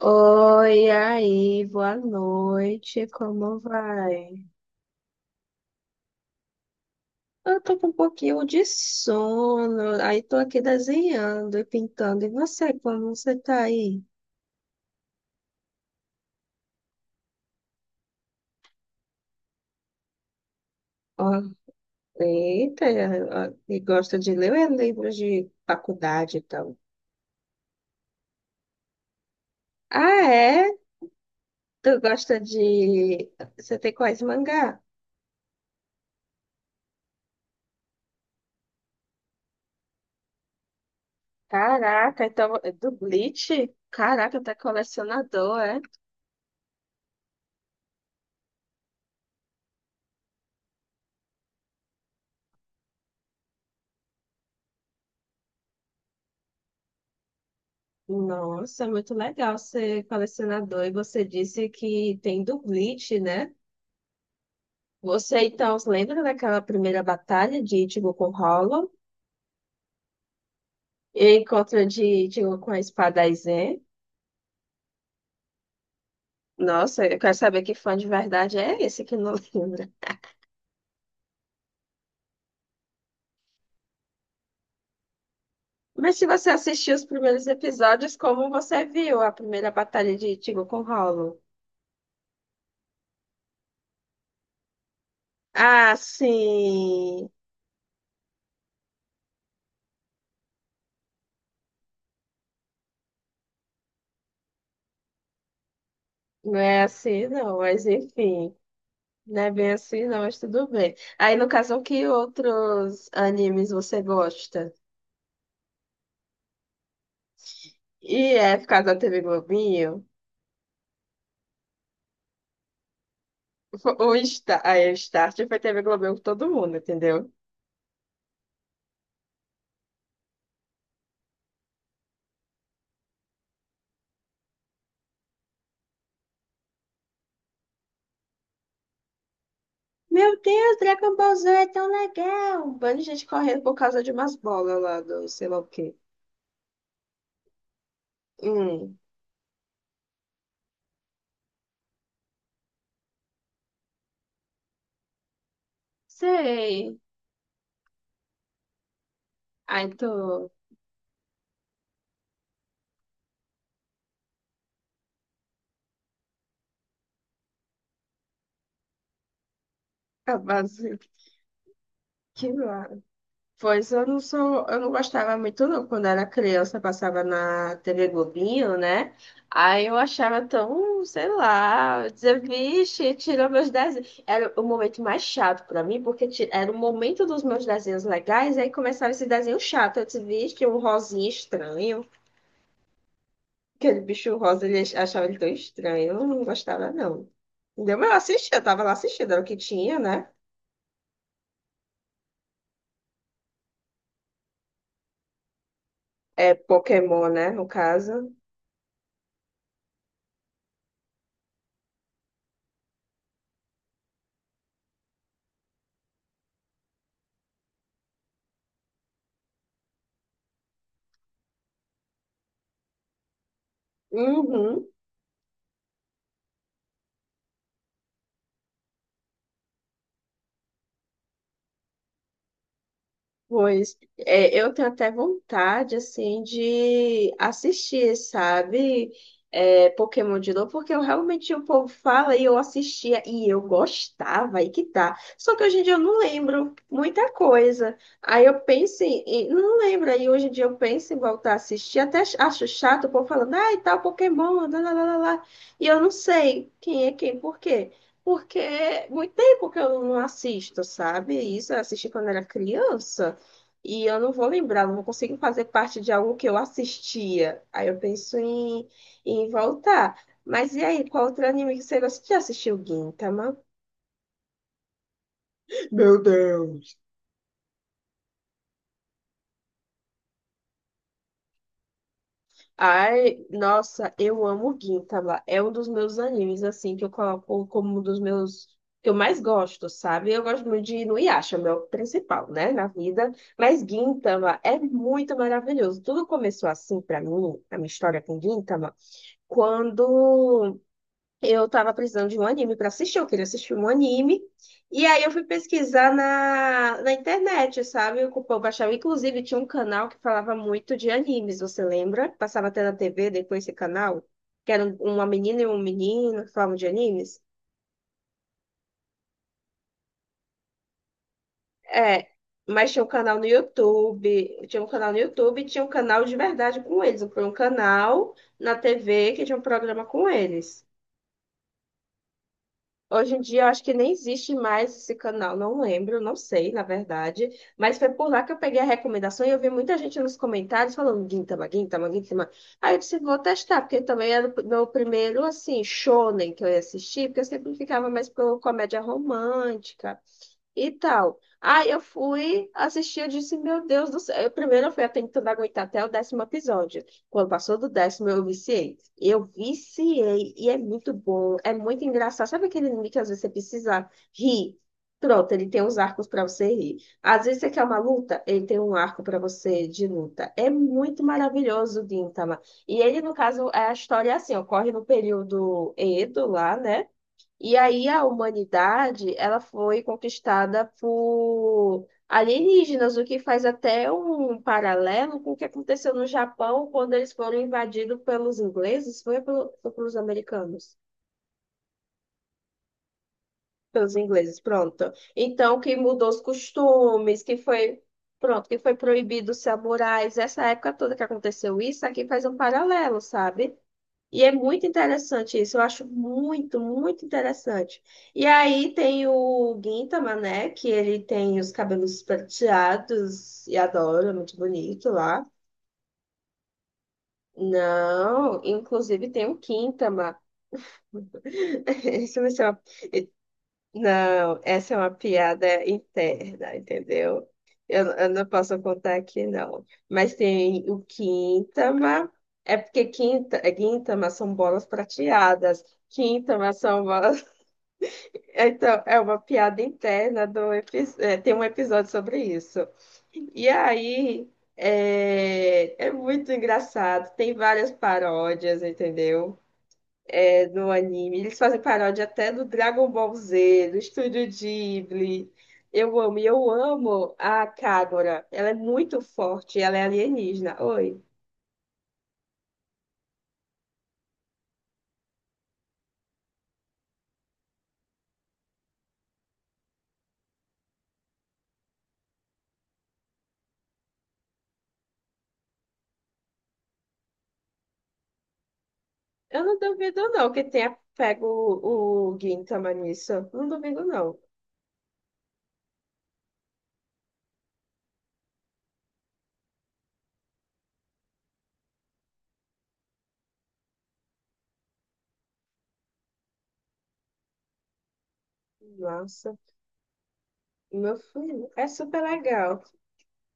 Oi, aí, boa noite, como vai? Eu tô com um pouquinho de sono, aí tô aqui desenhando e pintando. E você, como você tá aí? Ó, eita, ó, e gosta de ler ou é livros de faculdade, então? Ah, é? Tu gosta de... Você tem quais mangá? Caraca, então, do Bleach? Caraca, tá colecionador. Nossa, muito legal ser colecionador. E você disse que tem do Bleach, né? Você então se lembra daquela primeira batalha de Ichigo com Hollow e encontro de Ichigo com a espada Aizen? Nossa, eu quero saber que fã de verdade é esse que não lembra. Mas se você assistiu os primeiros episódios, como você viu a primeira batalha de Ichigo com Hollow? Ah, sim. Não é assim, não, mas enfim. Não é bem assim, não, mas tudo bem. Aí, no caso, que outros animes você gosta? E é por causa da T V Globinho? O Star, aí, o Start foi T V Globinho com todo mundo, entendeu? Meu Deus, Dragon Ball Z é tão legal! Um bando de gente correndo por causa de umas bolas lá do sei lá o quê. Hum, sei. Aí tu. Acabou que lá. Pois eu não sou, eu não gostava muito não. Quando era criança, passava na TV Globinho, né? Aí eu achava tão, sei lá, eu dizia, vixe, tirou meus desenhos. Era o momento mais chato pra mim, porque era o momento dos meus desenhos legais, aí começava esse desenho chato. Eu disse, vixe, um rosinha estranho. Aquele bicho rosa, ele achava ele tão estranho. Eu não gostava, não. Entendeu? Mas eu assistia, eu tava lá assistindo, era o que tinha, né? É Pokémon, né, no caso. Uhum. Pois é, eu tenho até vontade, assim, de assistir, sabe? É, Pokémon de novo, porque eu realmente o povo fala e eu assistia e eu gostava, aí que tá. Só que hoje em dia eu não lembro muita coisa. Aí eu penso não lembro, aí hoje em dia eu penso em voltar a assistir, até acho chato o povo falando, ai, tal Pokémon, lá, lá, lá, lá. Lá". E eu não sei quem é quem, por quê? Porque é muito tempo que eu não assisto, sabe? Isso eu assisti quando era criança. E eu não vou lembrar, não vou conseguir fazer parte de algo que eu assistia. Aí eu penso em, em voltar. Mas e aí, qual outro anime que você gosta? Você já assistiu Gintama? Meu Deus! Ai, nossa, eu amo Gintama. É um dos meus animes, assim, que eu coloco como um dos meus... que eu mais gosto, sabe? Eu gosto muito de Inuyasha, meu principal, né, na vida. Mas Gintama é muito maravilhoso. Tudo começou assim pra mim, a minha história com Gintama, quando... Eu tava precisando de um anime pra assistir, eu queria assistir um anime. E aí eu fui pesquisar na internet, sabe? Eu baixava, inclusive, tinha um canal que falava muito de animes, você lembra? Passava até na TV depois esse canal, que era um, uma menina e um menino que falavam de animes. É, mas tinha um canal no YouTube, tinha um canal no YouTube e tinha um canal de verdade com eles. Foi um canal na TV que tinha um programa com eles. Hoje em dia, eu acho que nem existe mais esse canal, não lembro, não sei, na verdade. Mas foi por lá que eu peguei a recomendação e eu vi muita gente nos comentários falando Gintama, Gintama, Gintama. Aí eu disse, vou testar, porque também era o meu primeiro, assim, shonen que eu ia assistir, porque eu sempre ficava mais pro comédia romântica e tal. Aí eu fui assistir, eu disse, meu Deus do céu. Eu, primeiro eu fui tentando aguentar até o décimo episódio. Quando passou do décimo, eu viciei. Eu viciei e é muito bom, é muito engraçado. Sabe aquele anime que às vezes você precisa rir? Pronto, ele tem uns arcos para você rir. Às vezes você quer uma luta, ele tem um arco para você de luta. É muito maravilhoso o Gintama. E ele, no caso, é a história é assim, ocorre no período Edo lá, né? E aí a humanidade, ela foi conquistada por alienígenas, o que faz até um paralelo com o que aconteceu no Japão quando eles foram invadidos pelos ingleses, foi, foi pelos americanos, pelos ingleses, pronto. Então, que mudou os costumes, que foi, pronto, que foi proibido os samurais, essa época toda que aconteceu isso, aqui faz um paralelo, sabe? E é muito interessante isso, eu acho muito, muito interessante. E aí tem o Gintama, né? Que ele tem os cabelos prateados e adoro, é muito bonito lá. Não, inclusive tem o Quintama. Isso vai ser uma... Não, essa é uma piada interna, entendeu? Eu não posso contar aqui, não. Mas tem o Quintama, é porque quinta, Gintama são bolas prateadas. Quintama são bolas. Então, é uma piada interna do é, tem um episódio sobre isso. E aí é, é muito engraçado. Tem várias paródias, entendeu? É, no anime. Eles fazem paródia até do Dragon Ball Z, do Estúdio Ghibli. Eu amo, e eu amo a Kagura. Ela é muito forte, ela é alienígena. Oi. Eu não duvido, não, que tenha pego o Gintama nisso. Não duvido, não. Nossa. Meu filho, é super legal.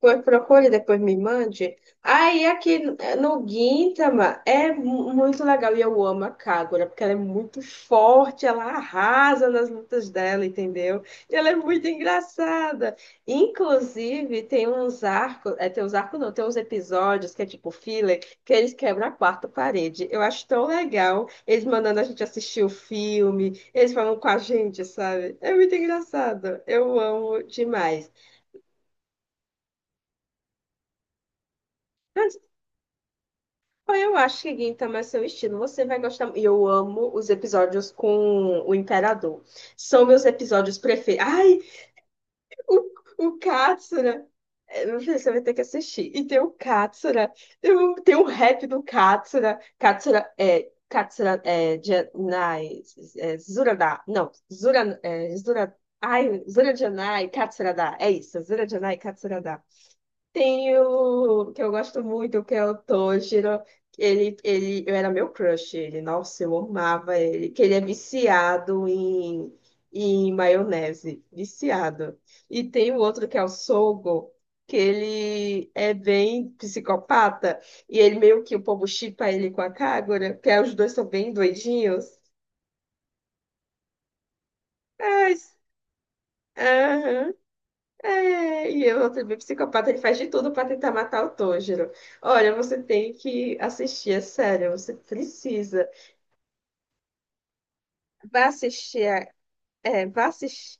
Pois procure, depois me mande. Aí aqui no Gintama é muito legal e eu amo a Kagura, porque ela é muito forte, ela arrasa nas lutas dela, entendeu? E ela é muito engraçada. Inclusive, tem uns arcos, é, tem uns arcos não, tem uns episódios que é tipo filler, que eles quebram a quarta parede. Eu acho tão legal eles mandando a gente assistir o filme, eles falam com a gente, sabe? É muito engraçado. Eu amo demais. Bom, eu acho que Gintama é seu estilo. Você vai gostar. E eu amo os episódios com o Imperador. São meus episódios preferidos. Ai, o Katsura. É, meu filho, você vai ter que assistir. E tem o Katsura. Tem o rap do Katsura. Katsura é. Katsura é. Janai. É, Zurada. Não. Zura, é, Zura, ai, Zura Janai, Katsura. É isso. Zura Janai, Katsura tem o que eu gosto muito, que é o Toshiro. Que eu era meu crush, ele, nossa, eu amava ele, que ele é viciado em, em maionese, viciado. E tem o outro que é o Sogo, que ele é bem psicopata, e ele meio que o povo shippa ele com a Kagura, que é, os dois são bem doidinhos. Mas, é, e eu também psicopata, ele faz de tudo para tentar matar o Tanjiro. Olha, você tem que assistir, é sério, você precisa. Vá assistir, é, vá assistir.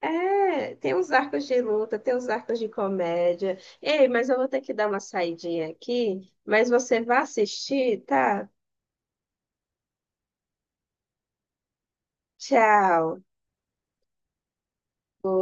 É, tem os arcos de luta, tem os arcos de comédia. Ei, mas eu vou ter que dar uma saidinha aqui, mas você vai assistir, tá? Tchau.